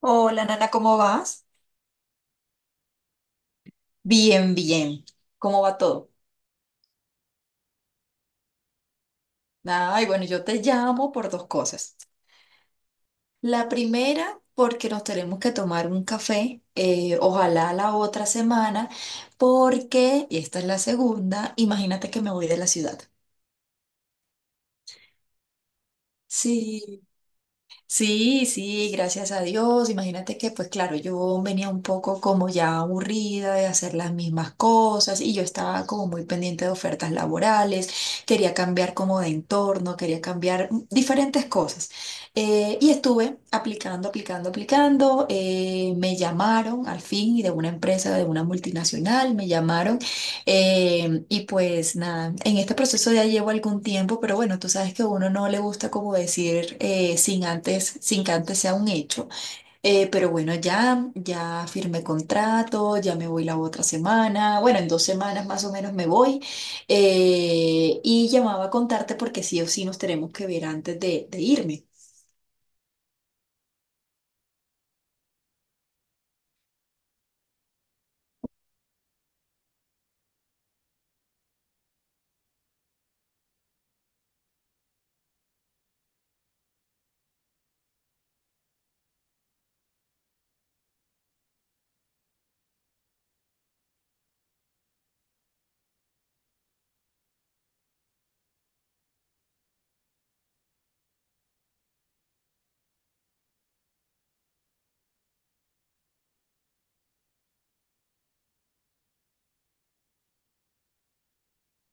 Hola, Nana, ¿cómo vas? Bien, bien. ¿Cómo va todo? Ay, bueno, yo te llamo por dos cosas. La primera, porque nos tenemos que tomar un café, ojalá la otra semana, porque, y esta es la segunda, imagínate que me voy de la ciudad. Sí. Sí, sí, gracias a Dios. Imagínate que, pues claro, yo venía un poco como ya aburrida de hacer las mismas cosas y yo estaba como muy pendiente de ofertas laborales, quería cambiar como de entorno, quería cambiar diferentes cosas. Y estuve aplicando, aplicando, aplicando. Me llamaron al fin de una empresa, de una multinacional, me llamaron y pues nada, en este proceso ya llevo algún tiempo, pero bueno, tú sabes que a uno no le gusta como decir sin antes, sin que antes sea un hecho. Pero bueno, ya, ya firmé contrato, ya me voy la otra semana, bueno, en 2 semanas más o menos me voy. Y llamaba a contarte porque sí o sí nos tenemos que ver antes de irme.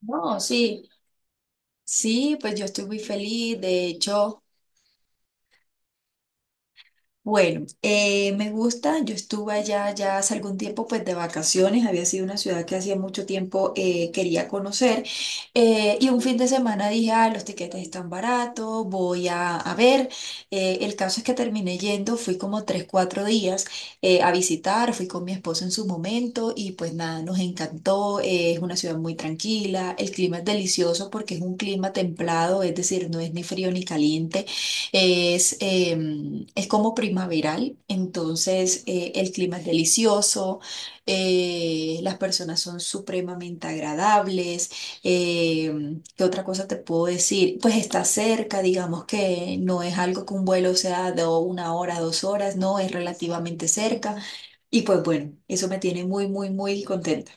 No, sí. Sí, pues yo estoy muy feliz, de hecho. Bueno, me gusta, yo estuve allá ya hace algún tiempo pues de vacaciones, había sido una ciudad que hacía mucho tiempo quería conocer y un fin de semana dije, ah, los tiquetes están baratos, voy a ver. El caso es que terminé yendo, fui como tres, cuatro días a visitar, fui con mi esposo en su momento y pues nada, nos encantó, es una ciudad muy tranquila, el clima es delicioso porque es un clima templado, es decir, no es ni frío ni caliente. Es, es como primaveral, entonces el clima es delicioso, las personas son supremamente agradables. ¿Qué otra cosa te puedo decir? Pues está cerca, digamos que no es algo que un vuelo sea de 1 hora, 2 horas, no, es relativamente cerca. Y pues bueno, eso me tiene muy, muy, muy contenta.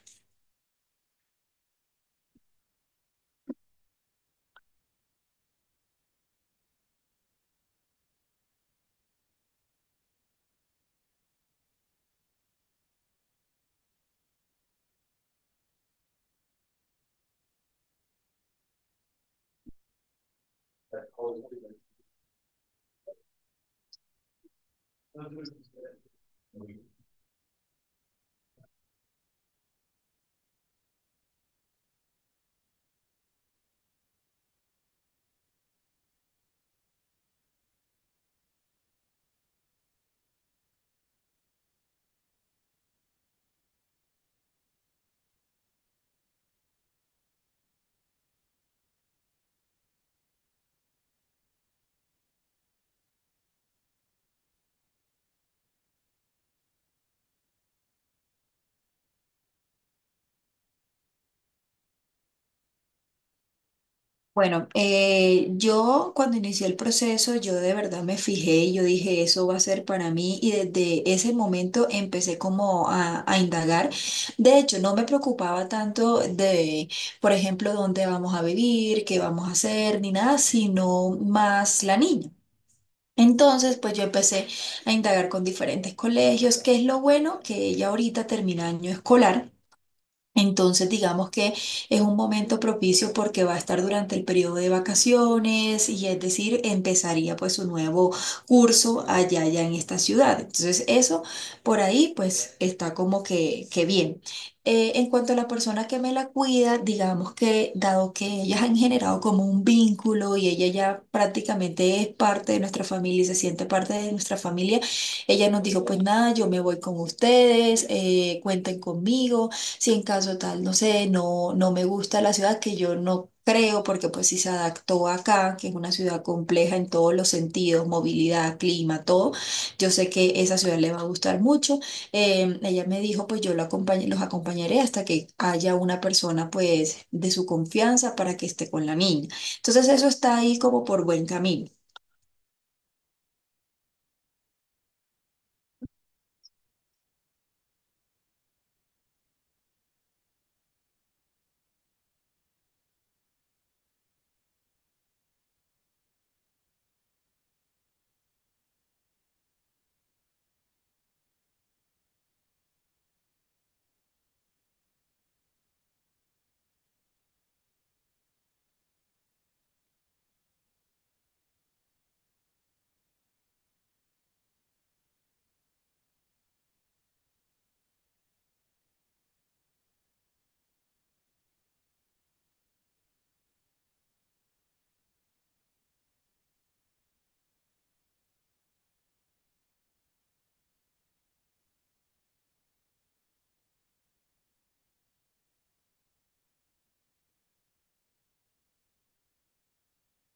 Bueno, yo cuando inicié el proceso, yo de verdad me fijé y yo dije, eso va a ser para mí y desde ese momento empecé como a indagar. De hecho, no me preocupaba tanto de, por ejemplo, dónde vamos a vivir, qué vamos a hacer, ni nada, sino más la niña. Entonces, pues yo empecé a indagar con diferentes colegios, que es lo bueno que ella ahorita termina año escolar. Entonces, digamos que es un momento propicio porque va a estar durante el periodo de vacaciones y es decir, empezaría pues su nuevo curso allá, allá en esta ciudad. Entonces, eso por ahí pues está como que bien. En cuanto a la persona que me la cuida, digamos que dado que ellas han generado como un vínculo y ella ya prácticamente es parte de nuestra familia y se siente parte de nuestra familia, ella nos dijo pues nada, yo me voy con ustedes, cuenten conmigo. Si en caso tal, no sé, no, no me gusta la ciudad, que yo no creo, porque pues si se adaptó acá, que es una ciudad compleja en todos los sentidos, movilidad, clima, todo, yo sé que esa ciudad le va a gustar mucho. Ella me dijo, pues yo lo los acompañaré hasta que haya una persona pues de su confianza para que esté con la niña. Entonces eso está ahí como por buen camino.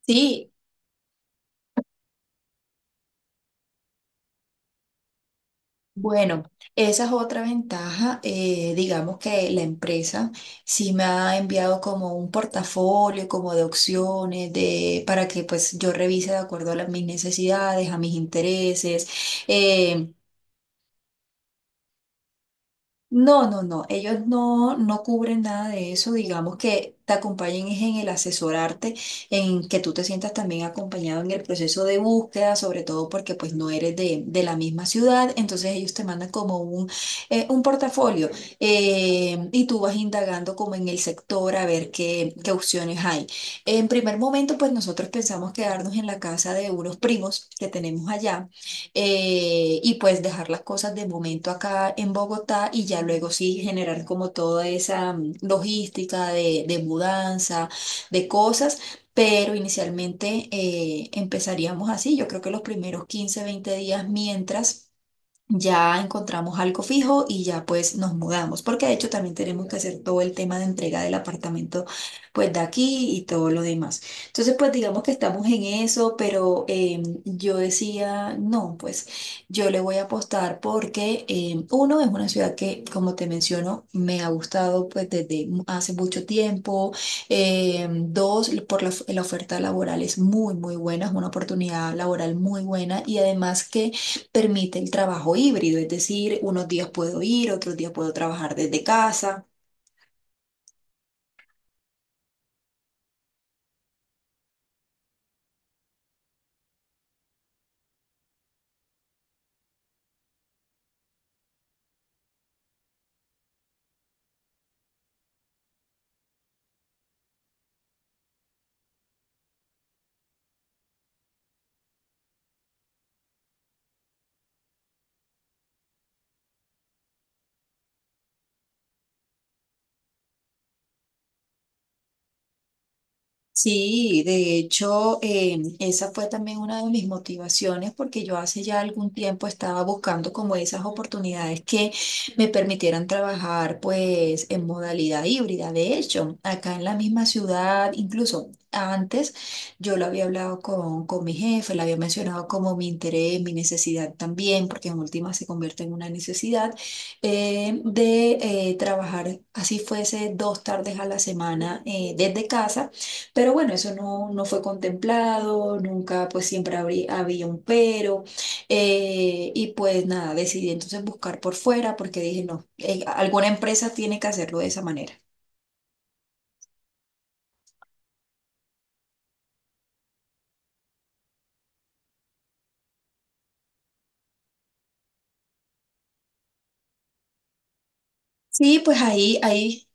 Sí. Bueno, esa es otra ventaja. Digamos que la empresa sí me ha enviado como un portafolio, como de opciones, de, para que pues yo revise de acuerdo a mis necesidades, a mis intereses. eh, no, no, no, ellos no, no cubren nada de eso, digamos que te acompañen es en el asesorarte, en que tú te sientas también acompañado en el proceso de búsqueda, sobre todo porque pues no eres de la misma ciudad, entonces ellos te mandan como un portafolio y tú vas indagando como en el sector a ver qué opciones hay. En primer momento pues nosotros pensamos quedarnos en la casa de unos primos que tenemos allá y pues dejar las cosas de momento acá en Bogotá y ya luego sí generar como toda esa logística de mudanza, de cosas. Pero inicialmente empezaríamos así, yo creo que los primeros 15 20 días mientras ya encontramos algo fijo y ya pues nos mudamos, porque de hecho también tenemos que hacer todo el tema de entrega del apartamento pues de aquí y todo lo demás. Entonces pues digamos que estamos en eso, pero yo decía, no, pues yo le voy a apostar porque uno es una ciudad que como te menciono me ha gustado pues desde hace mucho tiempo. Dos, por la, la oferta laboral es muy muy buena, es una oportunidad laboral muy buena y además que permite el trabajo híbrido, es decir, unos días puedo ir, otros días puedo trabajar desde casa. Sí, de hecho, esa fue también una de mis motivaciones porque yo hace ya algún tiempo estaba buscando como esas oportunidades que me permitieran trabajar pues en modalidad híbrida. De hecho, acá en la misma ciudad, incluso antes, yo lo había hablado con mi jefe, le había mencionado como mi interés, mi necesidad también, porque en última se convierte en una necesidad de trabajar así fuese 2 tardes a la semana desde casa pero bueno, eso no, no fue contemplado, nunca, pues siempre había un pero. Y pues nada, decidí entonces buscar por fuera porque dije, no, alguna empresa tiene que hacerlo de esa manera. Sí, pues ahí, ahí,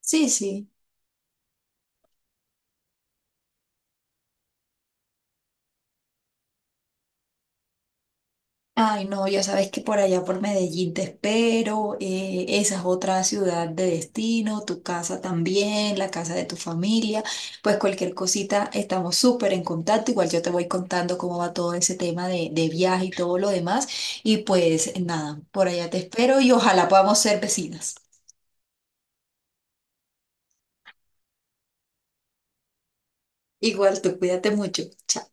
sí, sí. Ay, no, ya sabes que por allá por Medellín te espero, esa es otra ciudad de destino, tu casa también, la casa de tu familia, pues cualquier cosita estamos súper en contacto, igual yo te voy contando cómo va todo ese tema de viaje y todo lo demás, y pues nada, por allá te espero y ojalá podamos ser vecinas. Igual tú cuídate mucho. Chao.